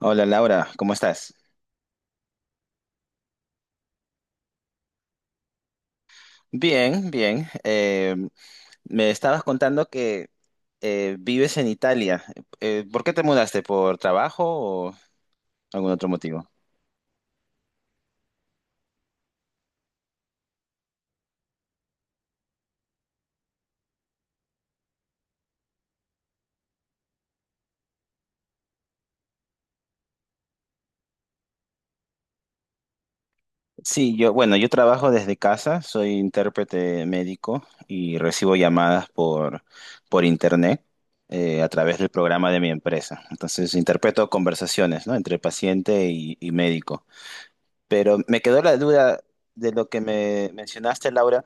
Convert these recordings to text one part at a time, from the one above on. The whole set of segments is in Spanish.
Hola Laura, ¿cómo estás? Bien, bien. Me estabas contando que vives en Italia. ¿Por qué te mudaste? ¿Por trabajo o algún otro motivo? Sí, yo, bueno, yo trabajo desde casa, soy intérprete médico y recibo llamadas por internet a través del programa de mi empresa. Entonces, interpreto conversaciones, ¿no? entre paciente y médico. Pero me quedó la duda de lo que me mencionaste, Laura.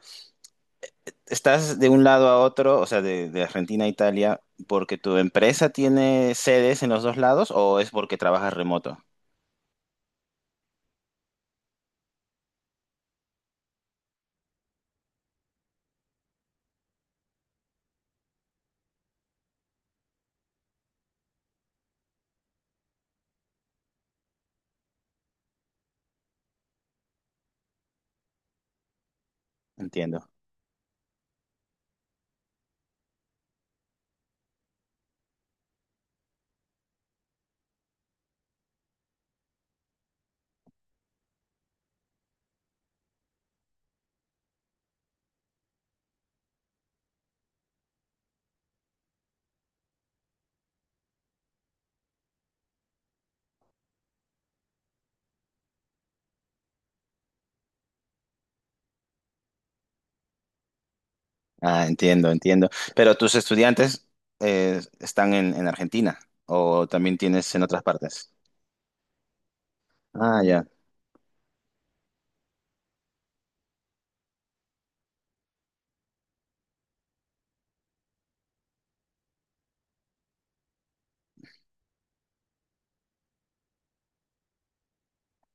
Estás de un lado a otro, o sea, de Argentina a Italia, porque tu empresa tiene sedes en los dos lados o es porque trabajas remoto? Entiendo. Ah, entiendo, entiendo. ¿Pero tus estudiantes están en Argentina o también tienes en otras partes? Ah, ya.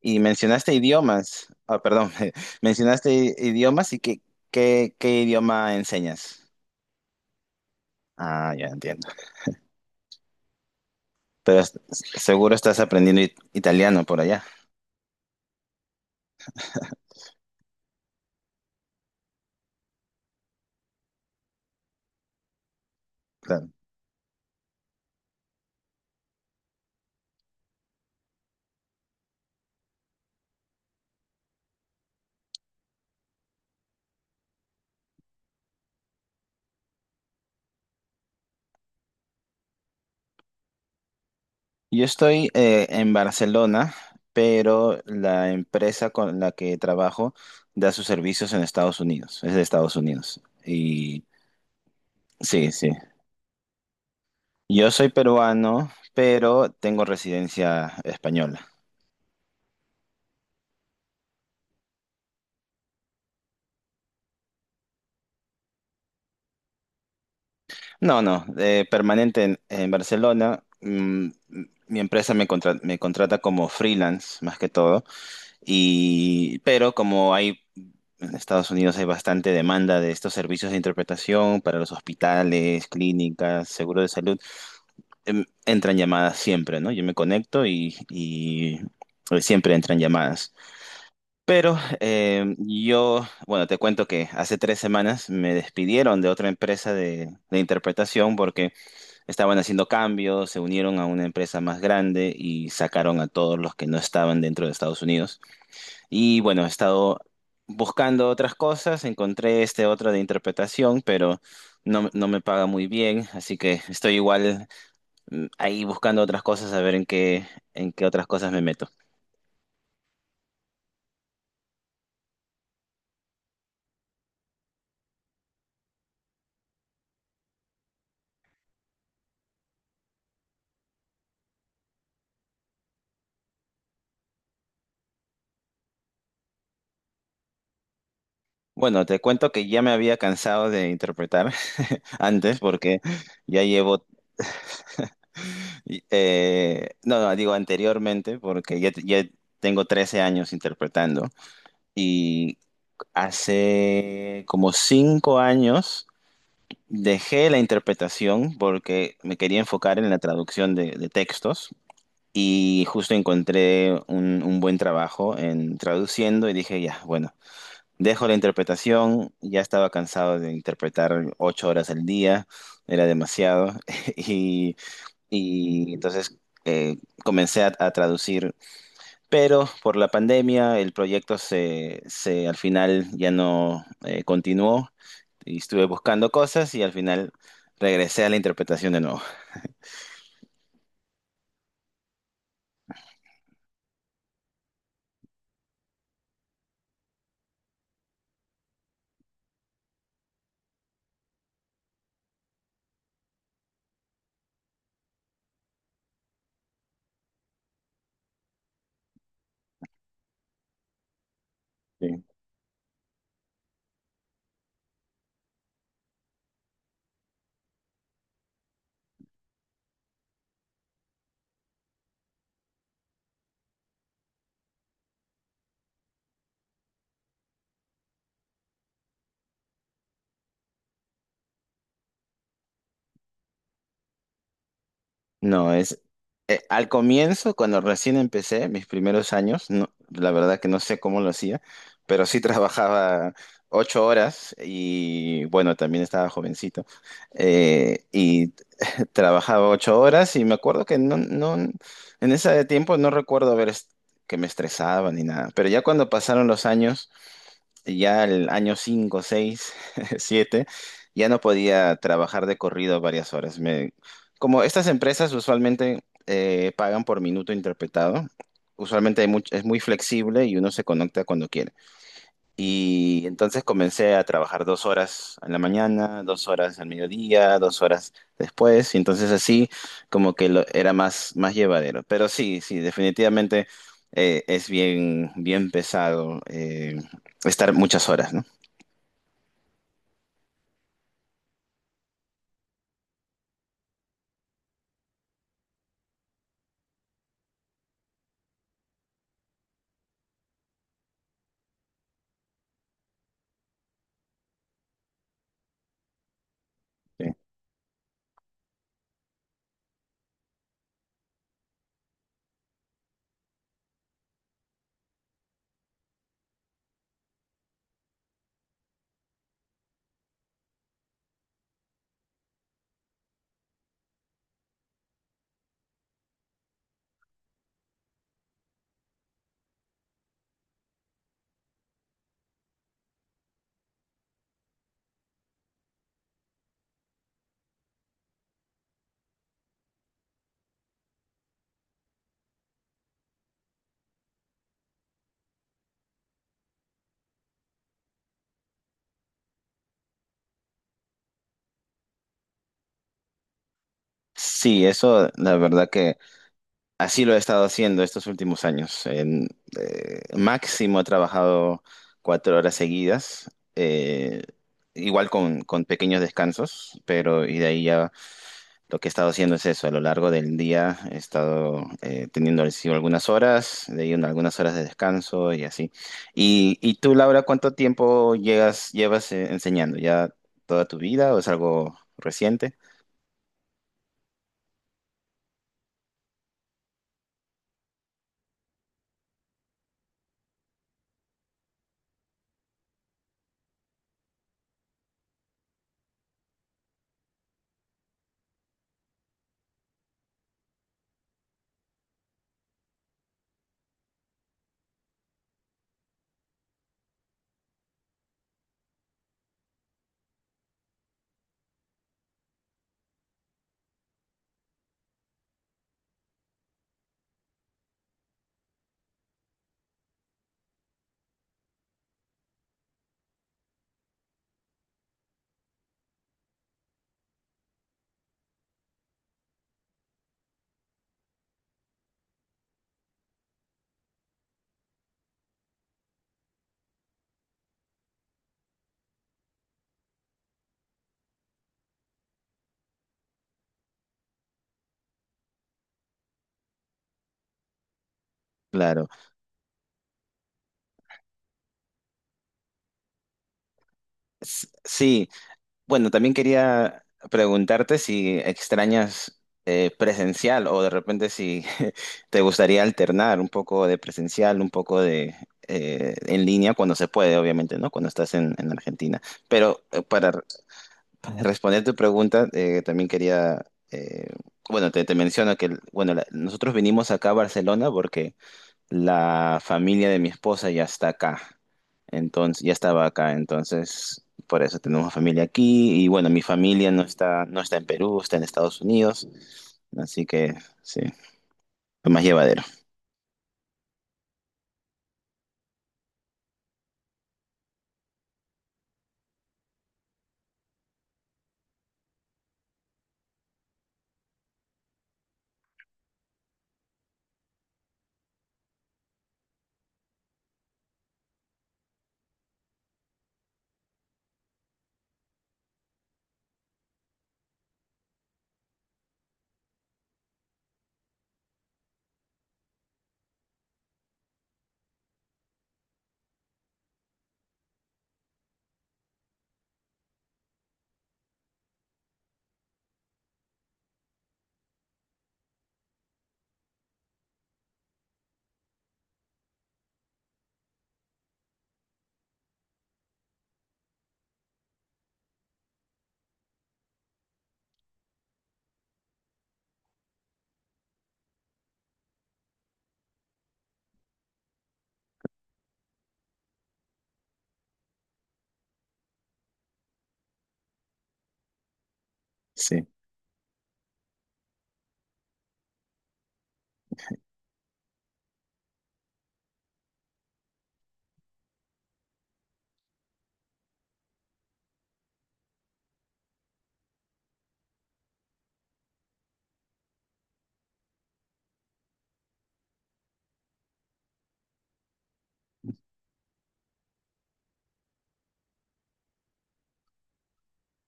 Y mencionaste idiomas. Ah, perdón, mencionaste idiomas y ¿qué idioma enseñas? Ah, ya entiendo. Pero seguro estás aprendiendo italiano por allá. Claro. Yo estoy en Barcelona, pero la empresa con la que trabajo da sus servicios en Estados Unidos, es de Estados Unidos. Y sí, sí. Yo soy peruano, pero tengo residencia española. No, no, permanente en Barcelona. Mm, mi empresa me contrata como freelance, más que todo. Y, pero como hay en Estados Unidos hay bastante demanda de estos servicios de interpretación para los hospitales, clínicas, seguro de salud, entran llamadas siempre, ¿no? Yo me conecto y siempre entran llamadas. Pero yo, bueno, te cuento que hace 3 semanas me despidieron de otra empresa de interpretación porque estaban haciendo cambios, se unieron a una empresa más grande y sacaron a todos los que no estaban dentro de Estados Unidos. Y bueno, he estado buscando otras cosas, encontré este otro de interpretación, pero no, no me paga muy bien, así que estoy igual ahí buscando otras cosas a ver en qué otras cosas me meto. Bueno, te cuento que ya me había cansado de interpretar antes porque ya llevo, no, no, digo anteriormente porque ya tengo 13 años interpretando y hace como 5 años dejé la interpretación porque me quería enfocar en la traducción de textos y justo encontré un buen trabajo en traduciendo y dije, ya, bueno, dejo la interpretación, ya estaba cansado de interpretar 8 horas al día, era demasiado y, y entonces eh, comencé a traducir, pero por la pandemia el proyecto se al final ya no continuó y estuve buscando cosas y al final regresé a la interpretación de nuevo. Sí. No, es al comienzo, cuando recién empecé mis primeros años, no, la verdad que no sé cómo lo hacía, pero sí trabajaba 8 horas y bueno, también estaba jovencito y trabajaba 8 horas y me acuerdo que no, no, en ese tiempo no recuerdo que me estresaba ni nada, pero ya cuando pasaron los años ya el año 5 6 7 ya no podía trabajar de corrido varias horas. Como estas empresas usualmente pagan por minuto interpretado, usualmente es muy flexible y uno se conecta cuando quiere. Y entonces comencé a trabajar 2 horas en la mañana, 2 horas al mediodía, 2 horas después, y entonces así era más, más llevadero. Pero sí, sí, definitivamente es bien, bien pesado estar muchas horas, ¿no? Sí. Sí, eso la verdad que así lo he estado haciendo estos últimos años. Máximo he trabajado 4 horas seguidas, eh, igual con pequeños descansos, pero y de ahí ya lo que he estado haciendo es eso, a lo largo del día he estado teniendo el sí algunas horas, de ahí algunas horas de descanso y así. Y tú, Laura, ¿cuánto tiempo llevas enseñando? ¿Ya toda tu vida o es algo reciente? Claro. Sí, bueno, también quería preguntarte si extrañas presencial o de repente si te gustaría alternar un poco de presencial, un poco de en línea cuando se puede, obviamente, ¿no? Cuando estás en Argentina. Pero para responder tu pregunta, también quería, eh, bueno, te menciono que, bueno, nosotros vinimos acá a Barcelona porque la familia de mi esposa ya está acá, entonces ya estaba acá, entonces por eso tenemos familia aquí y bueno, mi familia no está, en Perú, está en Estados Unidos, así que sí, fue más llevadero. Sí,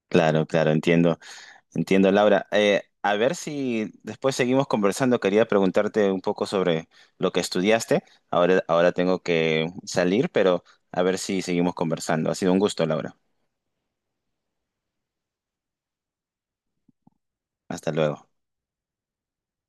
claro, claro, entiendo, entiendo, Laura. A ver si después seguimos conversando, quería preguntarte un poco sobre lo que estudiaste. Ahora tengo que salir, pero a ver si seguimos conversando. Ha sido un gusto, Laura. Hasta luego.